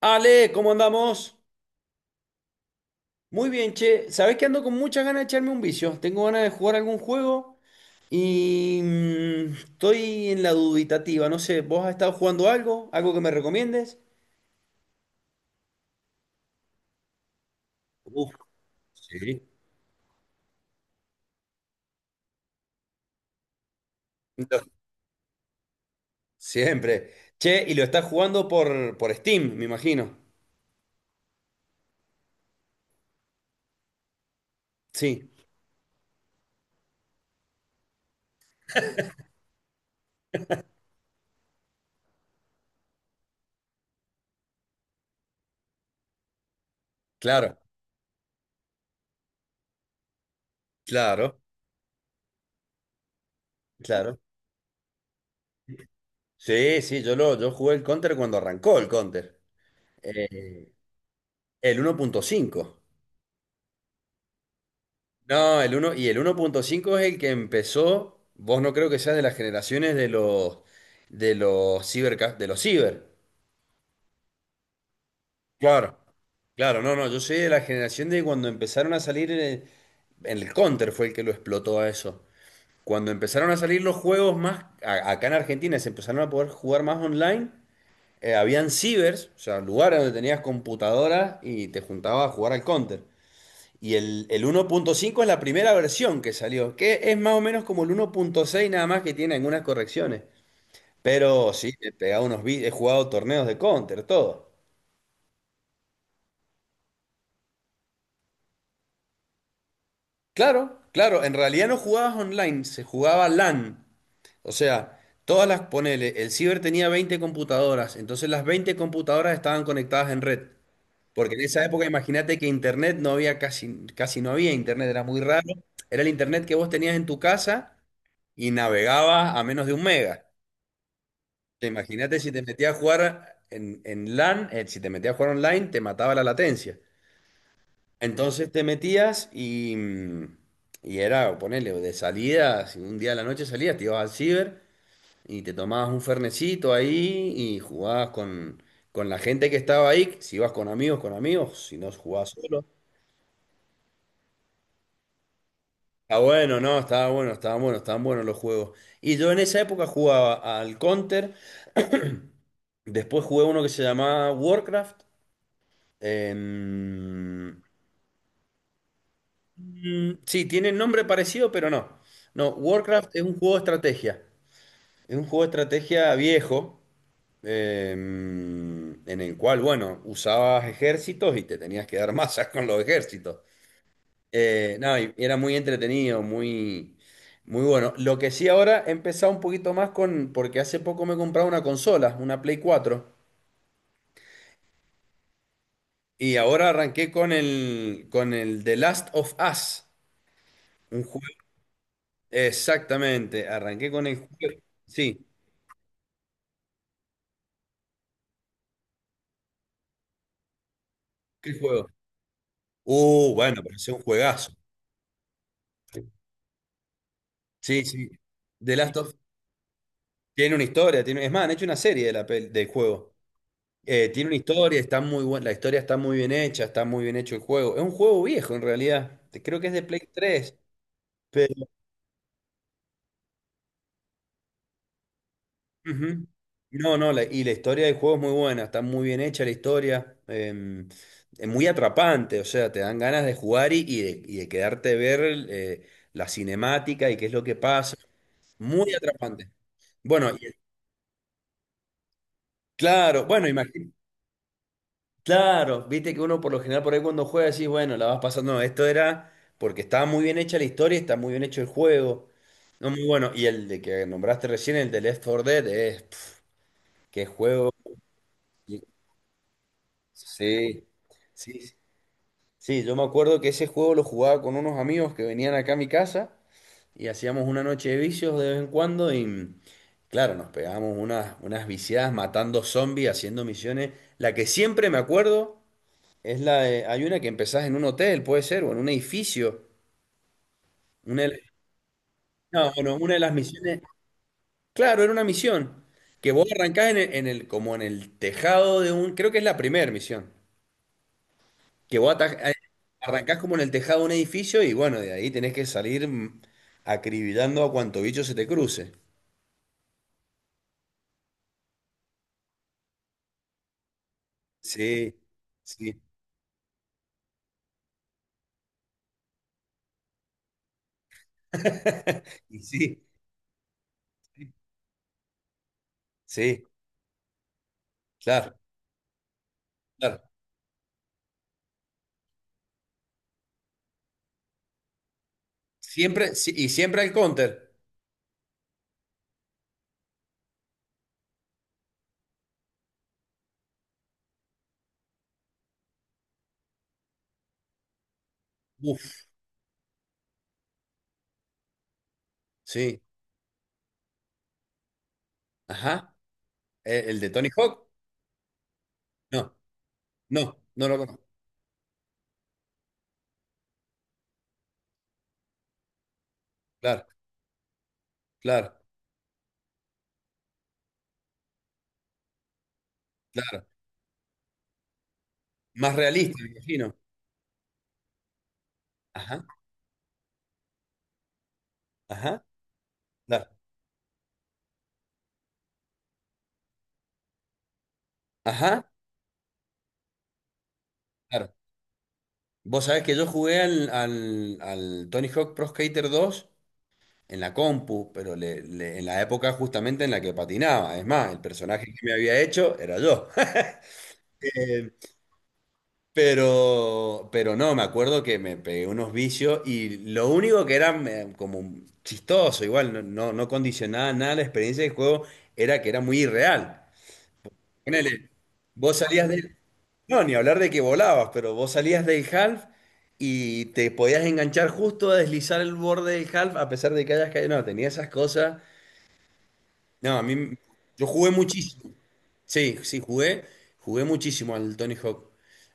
Ale, ¿cómo andamos? Muy bien, che. Sabés que ando con muchas ganas de echarme un vicio. Tengo ganas de jugar algún juego y estoy en la dubitativa. No sé, ¿vos has estado jugando algo? ¿Algo que me recomiendes? Uf, sí. Lo- Siempre. Che, y lo estás jugando por, Steam, me imagino. Sí, claro, claro, claro. Sí, sí, yo jugué el Counter cuando arrancó el Counter. Eh, el 1.5. No, el 1 y el 1.5 es el que empezó. Vos no creo que seas de las generaciones de los ciber, de los ciber. Claro. Claro, no, no, yo soy de la generación de cuando empezaron a salir Counter fue el que lo explotó a eso. Cuando empezaron a salir los juegos más acá en Argentina, se empezaron a poder jugar más online. Habían cibers, o sea, lugares donde tenías computadoras y te juntabas a jugar al Counter. Y el 1.5 es la primera versión que salió, que es más o menos como el 1.6 nada más que tiene algunas correcciones. Pero sí, he pegado he jugado torneos de Counter, todo. Claro, claro, en realidad no jugabas online, se jugaba LAN. O sea, ponele, el ciber tenía 20 computadoras, entonces las 20 computadoras estaban conectadas en red. Porque en esa época imagínate que internet no había casi, casi no había internet, era muy raro. Era el internet que vos tenías en tu casa y navegabas a menos de un mega. Imagínate si te metías a jugar en, LAN, si te metías a jugar online, te mataba la latencia. Entonces te metías y era, ponele, de salida, si un día de la noche salías, te ibas al ciber y te tomabas un fernecito ahí y jugabas con la gente que estaba ahí, si ibas con amigos, si no jugabas solo. Está bueno, no, estaba bueno, estaban buenos los juegos. Y yo en esa época jugaba al Counter, después jugué uno que se llamaba Warcraft. em, Mm, sí, tiene nombre parecido, pero no. No, Warcraft es un juego de estrategia. Es un juego de estrategia viejo, en el cual, bueno, usabas ejércitos y te tenías que dar masas con los ejércitos. No, y era muy entretenido, muy, muy bueno. Lo que sí ahora he empezado un poquito más con, porque hace poco me he comprado una consola, una Play 4, y ahora arranqué con el The Last of Us, un juego. Exactamente, arranqué con el juego. Sí, ¿qué juego? Bueno, pero es un juegazo. Sí, sí. The Last of tiene una historia, tiene, es más, han hecho una serie de la del juego. Tiene una historia, está muy buena, la historia está muy bien hecha, está muy bien hecho el juego. Es un juego viejo en realidad. Creo que es de Play 3. Pero ujú. No, no, y la historia del juego es muy buena, está muy bien hecha la historia. Es muy atrapante, o sea, te dan ganas de jugar y de quedarte a ver la cinemática y qué es lo que pasa. Muy atrapante. Bueno, claro, bueno, imagínate, claro, viste que uno por lo general por ahí cuando juega decís, bueno, la vas pasando, no, esto era porque estaba muy bien hecha la historia, está muy bien hecho el juego, no muy bueno, y el de que nombraste recién, el de Left 4 Dead, es, pf, qué juego, y- sí, sí, sí, sí, yo me acuerdo que ese juego lo jugaba con unos amigos que venían acá a mi casa y hacíamos una noche de vicios de vez en cuando y claro, nos pegábamos unas viciadas matando zombies, haciendo misiones, la que siempre me acuerdo. Hay una que empezás en un hotel, puede ser, o en un edificio. Una, de- no, bueno, una de las misiones. Claro, era una misión. Que vos arrancás como en el tejado de un. Creo que es la primera misión. Que vos arrancás como en el tejado de un edificio y bueno, de ahí tenés que salir acribillando a cuanto bicho se te cruce. Sí, sí, y sí, sí, claro, claro. Siempre, sí, y siempre el Counter. Uf, sí. Ajá. ¿El de Tony Hawk? No. No, no lo conozco. Claro, claro, claro. Más realista, me imagino. Ajá, ajá, claro. Ajá, claro. Vos sabés que yo jugué al Tony Hawk Pro Skater 2 en la compu, pero en la época justamente en la que patinaba. Es más, el personaje que me había hecho era yo. Eh, pero no, me acuerdo que me pegué unos vicios y lo único que era como chistoso, igual, no, no, no condicionaba nada la experiencia del juego, era que era muy irreal. Ponele, vos salías del. No, ni hablar de que volabas, pero vos salías del half y te podías enganchar justo a deslizar el borde del half a pesar de que hayas caído. No, tenía esas cosas. No, a mí. Yo jugué muchísimo. Sí, sí, jugué. Jugué muchísimo al Tony Hawk.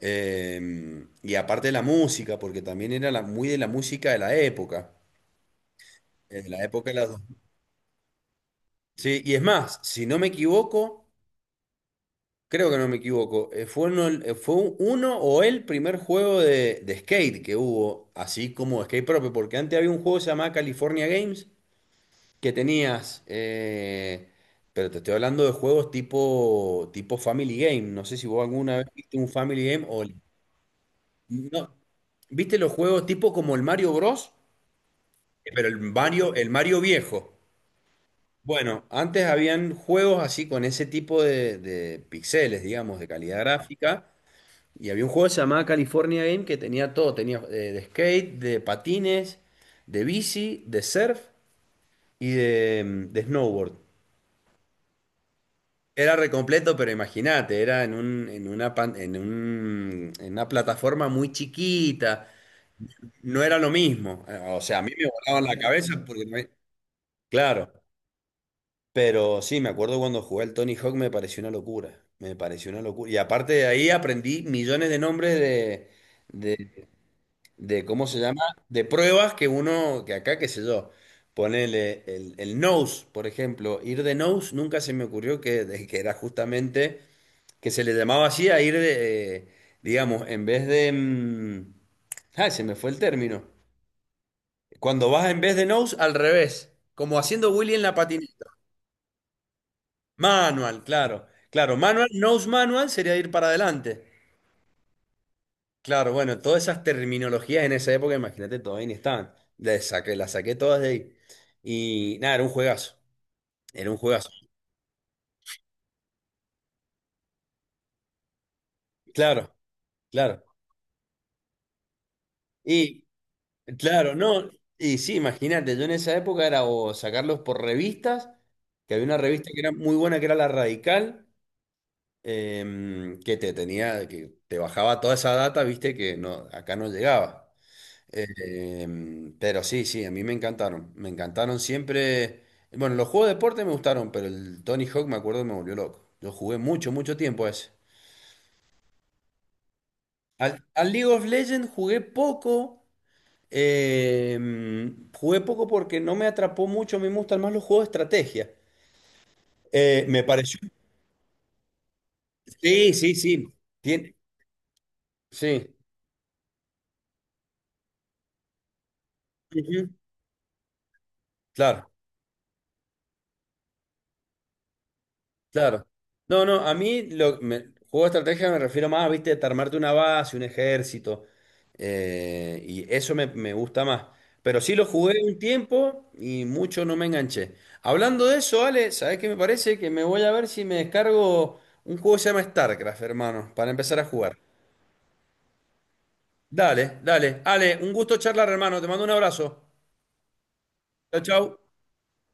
Y aparte de la música, porque también era muy de la música de la época. De la época de las. Sí, y es más, si no me equivoco. Creo que no me equivoco. Fue uno, uno o el primer juego de skate que hubo, así como skate propio, porque antes había un juego que se llamaba California Games, que tenías, pero te estoy hablando de juegos tipo, tipo Family Game. No sé si vos alguna vez viste un Family Game. No, ¿viste los juegos tipo como el Mario Bros? Pero el Mario viejo. Bueno, antes habían juegos así con ese tipo de píxeles, digamos, de calidad gráfica. Y había un juego que se llamaba California Game que tenía todo, tenía de skate, de patines, de bici, de surf y de snowboard. Era recompleto, pero imagínate, era en un, en una pan- en un- en una plataforma muy chiquita. No era lo mismo. O sea, a mí me volaban la cabeza porque no hay. Claro, pero sí, me acuerdo cuando jugué al Tony Hawk me pareció una locura. Me pareció una locura. Y aparte de ahí aprendí millones de nombres de cómo se llama, de pruebas que uno, que acá, qué sé yo, ponele el nose, por ejemplo, ir de nose, nunca se me ocurrió que era justamente, que se le llamaba así a ir de, digamos, en vez de. Ay, se me fue el término. Cuando vas en vez de nose, al revés, como haciendo Willy en la patineta. Manual, claro, claro, manual, nose manual sería ir para adelante. Claro, bueno, todas esas terminologías en esa época, imagínate, todavía ni estaban. Las saqué todas de ahí. Y nada, era un juegazo. Era un juegazo. Claro, claro. Y claro, no. Y sí, imagínate, yo en esa época era o sacarlos por revistas, que había una revista que era muy buena, que era La Radical, que te tenía, que te bajaba toda esa data, viste, que no, acá no llegaba. Eh, pero sí, sí, a mí me encantaron. Me encantaron siempre. Bueno, los juegos de deporte me gustaron, pero el Tony Hawk me acuerdo que me volvió loco. Yo jugué mucho, mucho tiempo a ese. Al League of Legends jugué poco. eh, jugué poco porque no me atrapó mucho. Me gustan más los juegos de estrategia. Me pareció. Sí, sí, sí. Tien- sí. Ujú. Claro. Claro. No, no, a mí lo, me- juego de estrategia me refiero más, viste, a armarte una base, un ejército. Y eso me gusta más. Pero sí lo jugué un tiempo y mucho no me enganché. Hablando de eso, Ale, ¿sabés qué me parece? Que me voy a ver si me descargo un juego que se llama StarCraft, hermano, para empezar a jugar. Dale, dale. Ale, un gusto charlar, hermano. Te mando un abrazo. Chau, chau.